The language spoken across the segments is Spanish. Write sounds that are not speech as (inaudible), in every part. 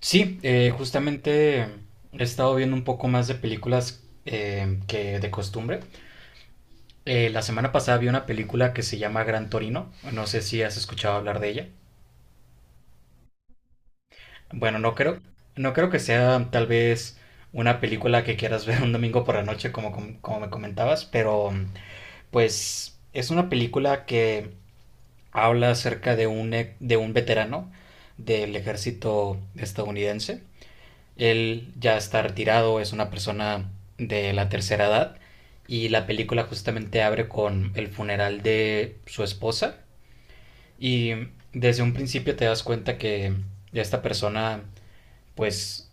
Sí, justamente he estado viendo un poco más de películas que de costumbre. La semana pasada vi una película que se llama Gran Torino. No sé si has escuchado hablar de ella. Bueno, no creo que sea tal vez una película que quieras ver un domingo por la noche, como me comentabas, pero pues es una película que habla acerca de un veterano del ejército estadounidense. Él ya está retirado, es una persona de la tercera edad y la película justamente abre con el funeral de su esposa y desde un principio te das cuenta que esta persona pues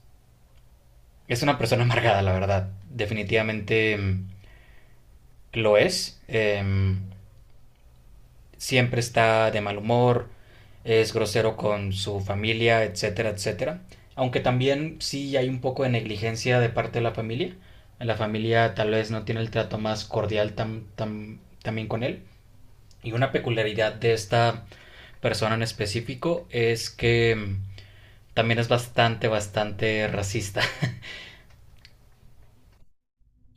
es una persona amargada, la verdad. Definitivamente lo es. Siempre está de mal humor, es grosero con su familia, etcétera, etcétera. Aunque también sí hay un poco de negligencia de parte de la familia. La familia tal vez no tiene el trato más cordial también con él. Y una peculiaridad de esta persona en específico es que también es bastante, bastante racista. (laughs)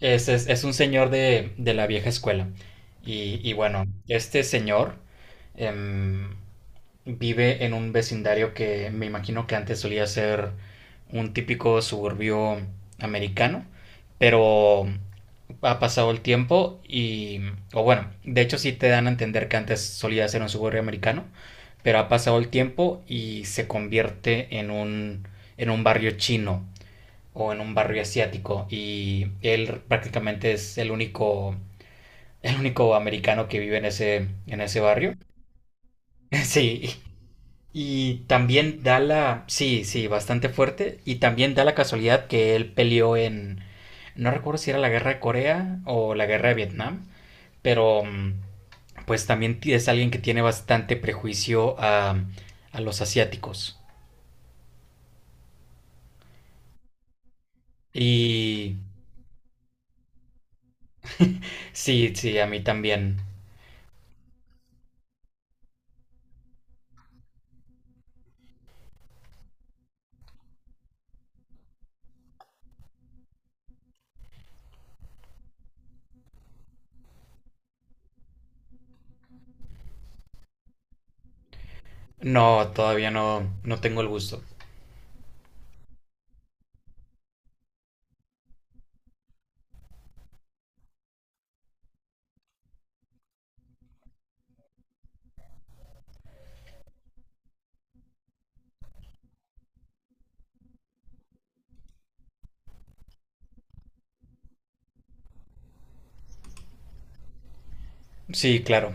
Es un señor de la vieja escuela. Y bueno, este señor em, vive en un vecindario que me imagino que antes solía ser un típico suburbio americano, pero ha pasado el tiempo y, o bueno, de hecho sí te dan a entender que antes solía ser un suburbio americano, pero ha pasado el tiempo y se convierte en un barrio chino o en un barrio asiático y él prácticamente es el único americano que vive en ese barrio. (laughs) Sí, y también, sí, sí, bastante fuerte. Y también da la casualidad que él peleó en, no recuerdo si era la guerra de Corea o la guerra de Vietnam, pero pues también es alguien que tiene bastante prejuicio a los asiáticos. Y sí, sí, a mí también. No, todavía no tengo el gusto. Sí, claro.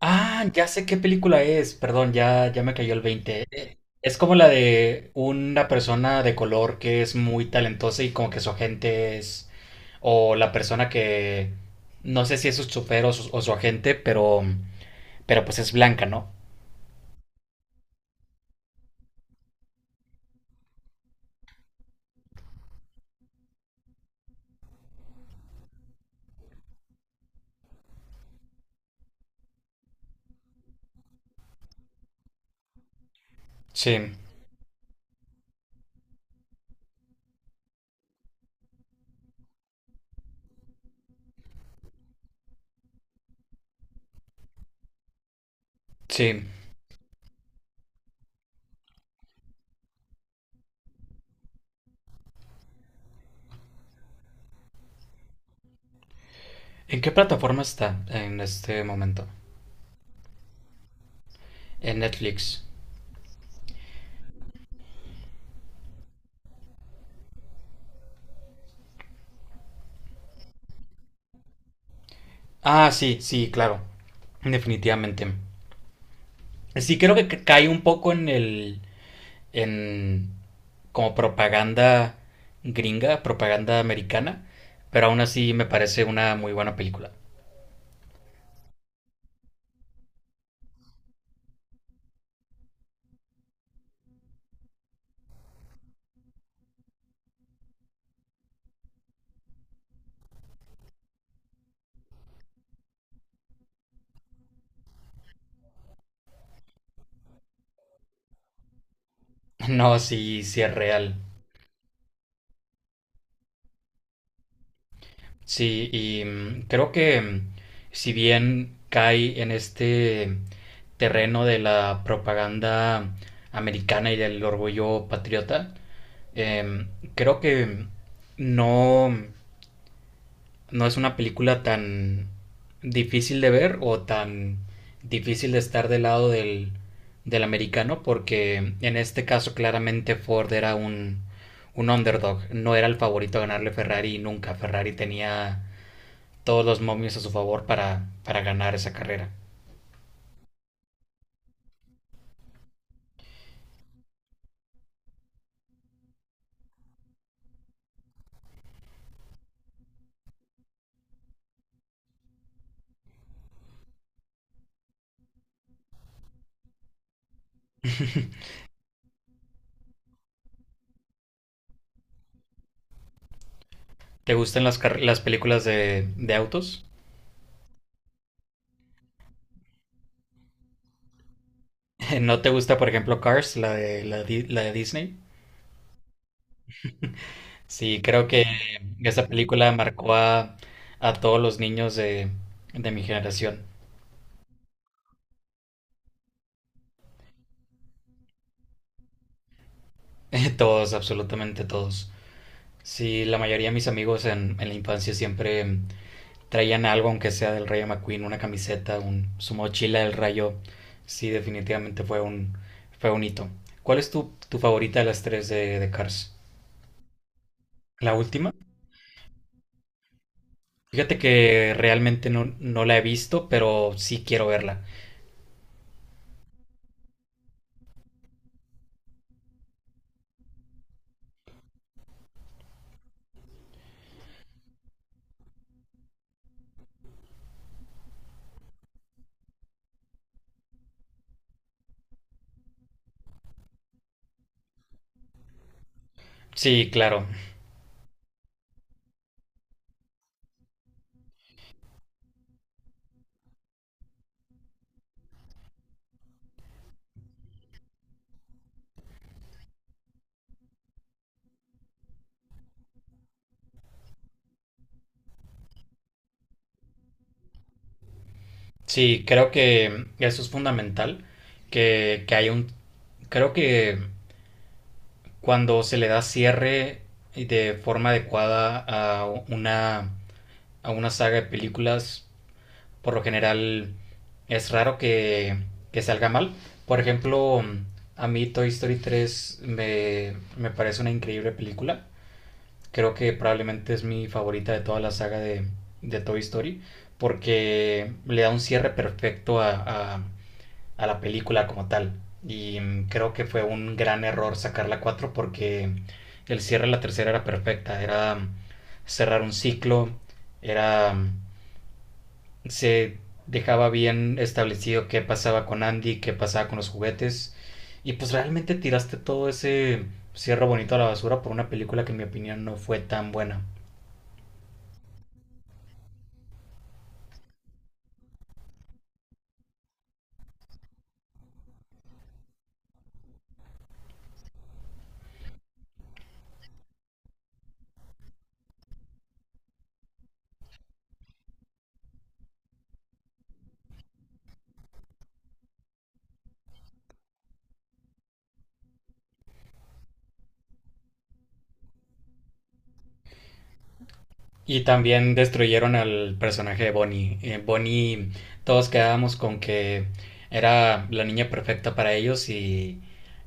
Ah, ya sé qué película es. Perdón, ya, ya me cayó el veinte. Es como la de una persona de color que es muy talentosa y como que su agente es, o la persona que, no sé si es su chofer o su agente, pero, pues es blanca, ¿no? Sí, sí. ¿En qué plataforma está en este momento? En Netflix. Ah, sí, sí, claro. Definitivamente. Sí, creo que cae un poco en en como propaganda gringa, propaganda americana, pero aún así me parece una muy buena película. (laughs) No, sí, sí es real. Sí, y creo que si bien cae en este terreno de la propaganda americana y del orgullo patriota, em, creo que no no es una película tan difícil de ver o tan difícil de estar del lado del americano porque en este caso claramente Ford era un underdog, no era el favorito a ganarle a Ferrari nunca, Ferrari tenía todos los momios a su favor para, ganar esa carrera. ¿Te gustan las películas de autos? (laughs) ¿No te gusta, por ejemplo, Cars, la de Disney? Sí, creo que esa película marcó a todos los niños de mi generación. (laughs) Todos, absolutamente todos. Sí, la mayoría de mis amigos en la infancia siempre traían algo, aunque sea del Rayo McQueen, una camiseta, su mochila del Rayo. Sí, definitivamente fue un hito. ¿Cuál es tu favorita de las tres de Cars? ¿La última? Fíjate que realmente no la he visto, pero sí quiero verla. Sí, claro. Sí, creo que eso es fundamental. que, que hay un... Creo que cuando se le da cierre y de forma adecuada a una saga de películas, por lo general es raro que salga mal. Por ejemplo, a mí Toy Story 3 me parece una increíble película. Creo que probablemente es mi favorita de toda la saga de Toy Story, porque le da un cierre perfecto a la película como tal. Y creo que fue un gran error sacar la 4 porque el cierre de la tercera era perfecta. Era cerrar un ciclo, era... mm, se dejaba bien establecido qué pasaba con Andy, qué pasaba con los juguetes. Y pues realmente tiraste todo ese cierre bonito a la basura por una película que en mi opinión no fue tan buena. Y también destruyeron al personaje de Bonnie. Bonnie, todos quedábamos con que era la niña perfecta para ellos y,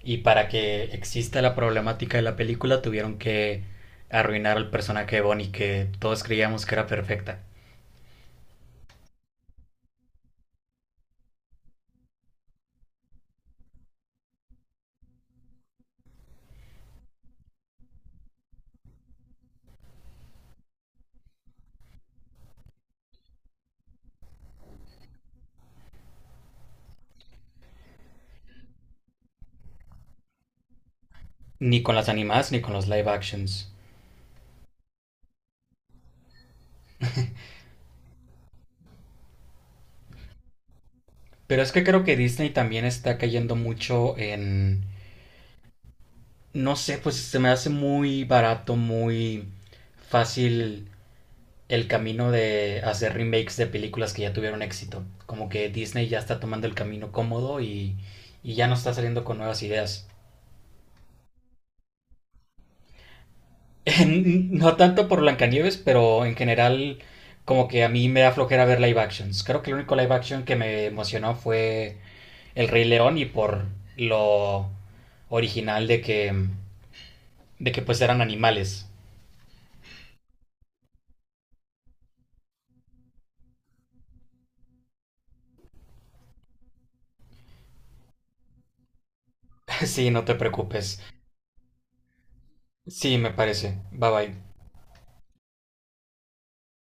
y para que exista la problemática de la película tuvieron que arruinar al personaje de Bonnie que todos creíamos que era perfecta. Ni con las animadas ni con los live actions. Pero es que creo que Disney también está cayendo mucho. No sé, pues se me hace muy barato, muy fácil el camino de hacer remakes de películas que ya tuvieron éxito. Como que Disney ya está tomando el camino cómodo y ya no está saliendo con nuevas ideas. (laughs) No tanto por Blancanieves, pero en general como que a mí me da flojera ver live actions. Creo que el único live action que me emocionó fue El Rey León y por lo original de que pues eran animales. (laughs) Sí, no te preocupes. Sí, me parece. Bye bye.